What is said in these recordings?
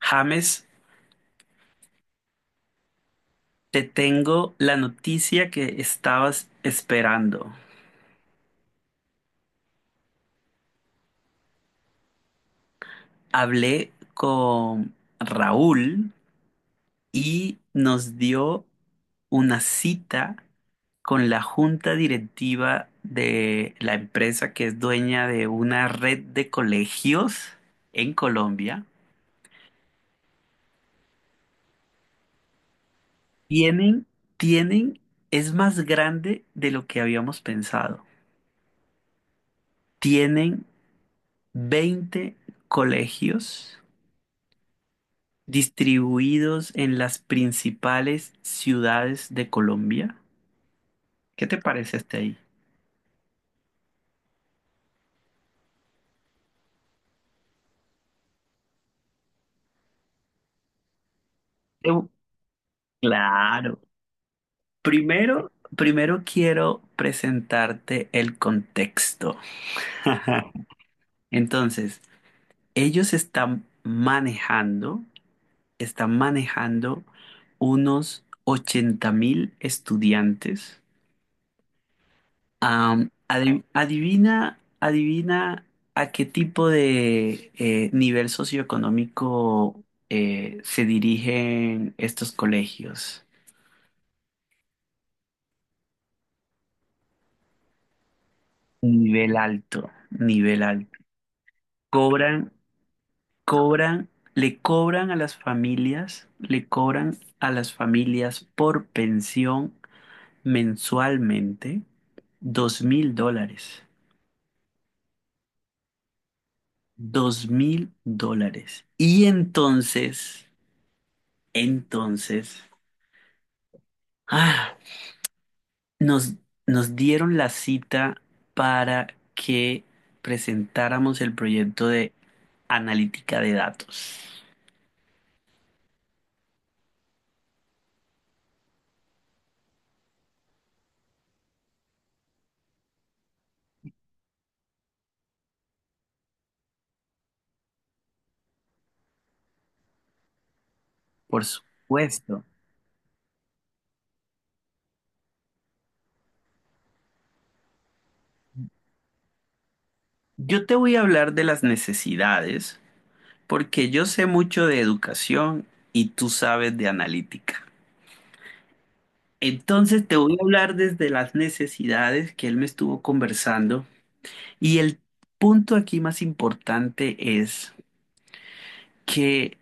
James, te tengo la noticia que estabas esperando. Hablé con Raúl y nos dio una cita con la junta directiva de la empresa que es dueña de una red de colegios en Colombia. Tienen, tienen, es más grande de lo que habíamos pensado. Tienen 20 colegios distribuidos en las principales ciudades de Colombia. ¿Qué te parece hasta ahí? Eu- Claro. Primero, quiero presentarte el contexto. Entonces, ellos están manejando unos 80.000 estudiantes. Adivina, adivina a qué tipo de nivel socioeconómico se dirigen estos colegios. Nivel alto, nivel alto. Cobran, cobran, le cobran a las familias, le cobran a las familias por pensión mensualmente 2.000 dólares. 2.000 dólares. Y entonces, Ah, nos, nos dieron la cita para que presentáramos el proyecto de analítica de datos. Por supuesto. Yo te voy a hablar de las necesidades porque yo sé mucho de educación y tú sabes de analítica. Entonces te voy a hablar desde las necesidades que él me estuvo conversando y el punto aquí más importante es que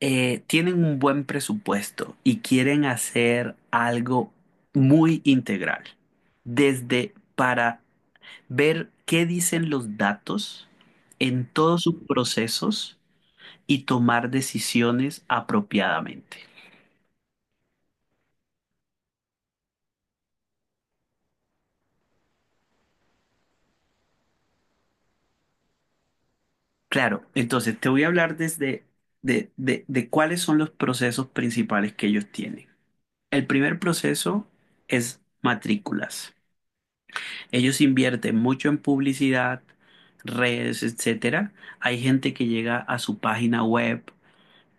tienen un buen presupuesto y quieren hacer algo muy integral, desde para ver qué dicen los datos en todos sus procesos y tomar decisiones apropiadamente. Claro, entonces te voy a hablar de cuáles son los procesos principales que ellos tienen. El primer proceso es matrículas. Ellos invierten mucho en publicidad, redes, etcétera. Hay gente que llega a su página web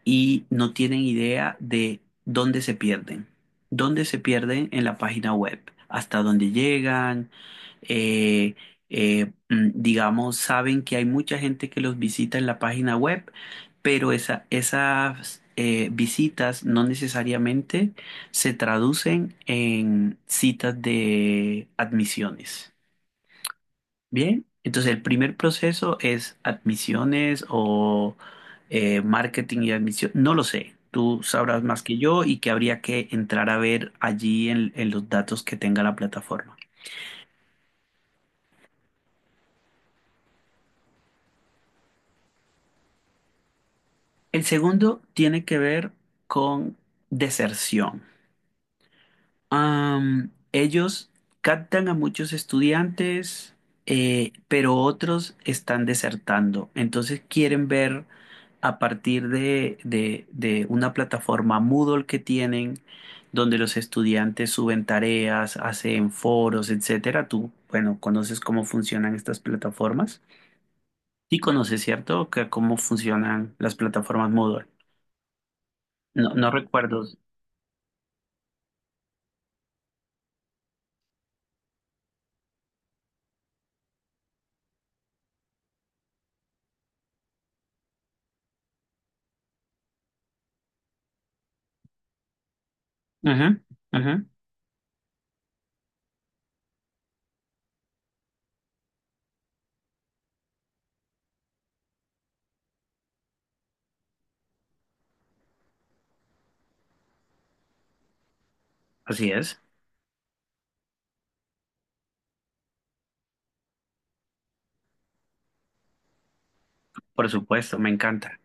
y no tienen idea de dónde se pierden en la página web, hasta dónde llegan. eh, digamos, saben que hay mucha gente que los visita en la página web, pero esas visitas no necesariamente se traducen en citas de admisiones. Bien, entonces el primer proceso es admisiones o marketing y admisión, no lo sé, tú sabrás más que yo y que habría que entrar a ver allí en los datos que tenga la plataforma. El segundo tiene que ver con deserción. Ellos captan a muchos estudiantes, pero otros están desertando. Entonces quieren ver a partir de una plataforma Moodle que tienen, donde los estudiantes suben tareas, hacen foros, etcétera. Tú, bueno, conoces cómo funcionan estas plataformas. Sí conoces, ¿cierto? Que cómo funcionan las plataformas Moodle. No, no recuerdo. Ujú, ujú. Así es, por supuesto, me encanta.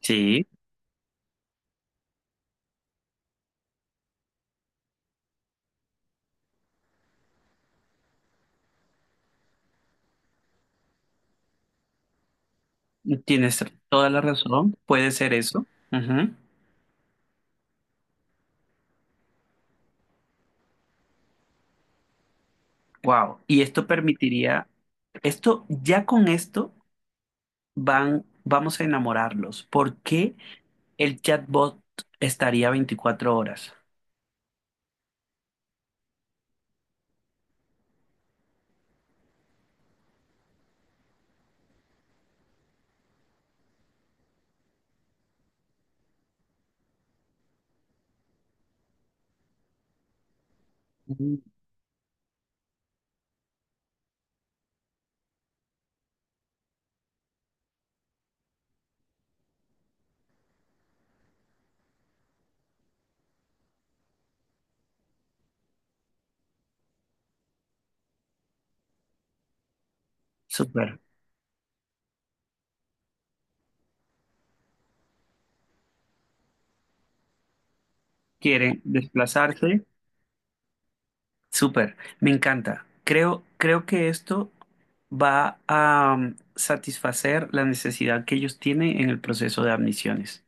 Sí, tienes toda la razón, puede ser eso. Wow. Y esto permitiría, esto ya con esto vamos a enamorarlos. ¿Por qué el chatbot estaría 24 horas? Mm. Súper. Quieren desplazarse. Súper. Me encanta. Creo, que esto va a satisfacer la necesidad que ellos tienen en el proceso de admisiones.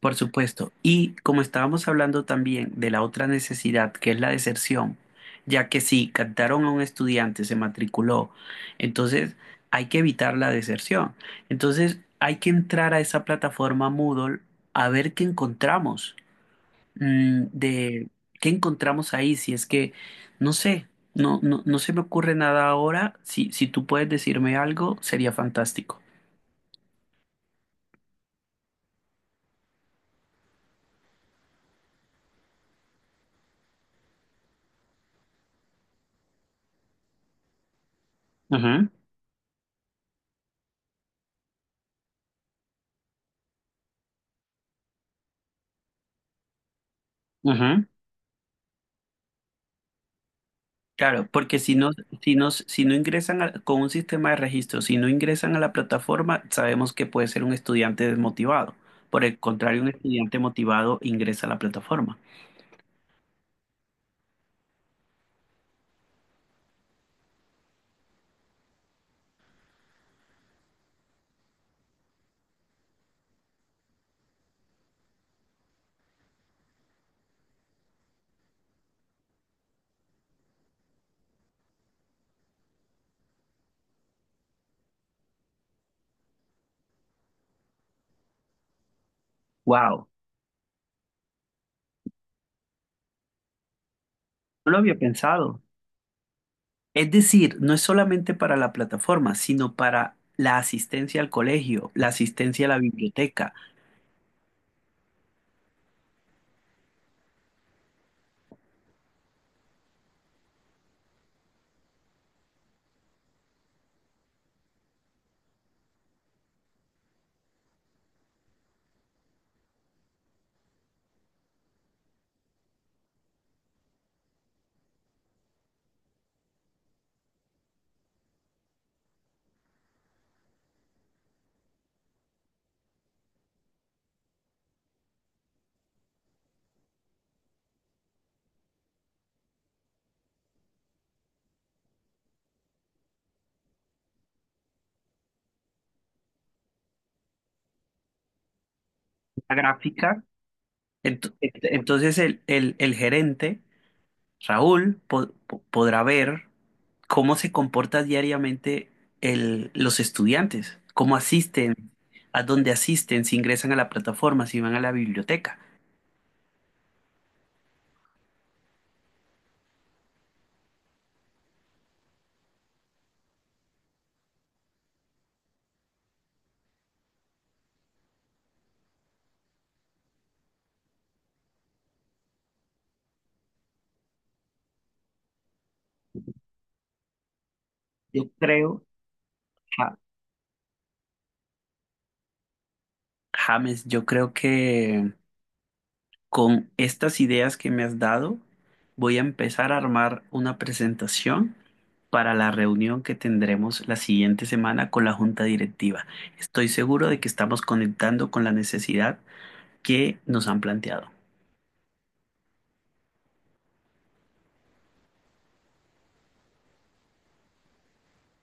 Por supuesto. Y como estábamos hablando también de la otra necesidad, que es la deserción, ya que si captaron a un estudiante, se matriculó, entonces hay que evitar la deserción. Entonces hay que entrar a esa plataforma Moodle a ver qué encontramos, de qué encontramos ahí, si es que, no sé, no, no, no se me ocurre nada ahora. Si tú puedes decirme algo, sería fantástico. Ujú, ujú. Claro, porque si no, si no ingresan a- con un sistema de registro, si no ingresan a la plataforma, sabemos que puede ser un estudiante desmotivado. Por el contrario, un estudiante motivado ingresa a la plataforma. Wow, no lo había pensado. Es decir, no es solamente para la plataforma, sino para la asistencia al colegio, la asistencia a la biblioteca, la gráfica. Entonces el gerente Raúl podrá ver cómo se comporta diariamente los estudiantes, cómo asisten, a dónde asisten, si ingresan a la plataforma, si van a la biblioteca. Yo creo, Ja- James, yo creo que con estas ideas que me has dado, voy a empezar a armar una presentación para la reunión que tendremos la siguiente semana con la junta directiva. Estoy seguro de que estamos conectando con la necesidad que nos han planteado.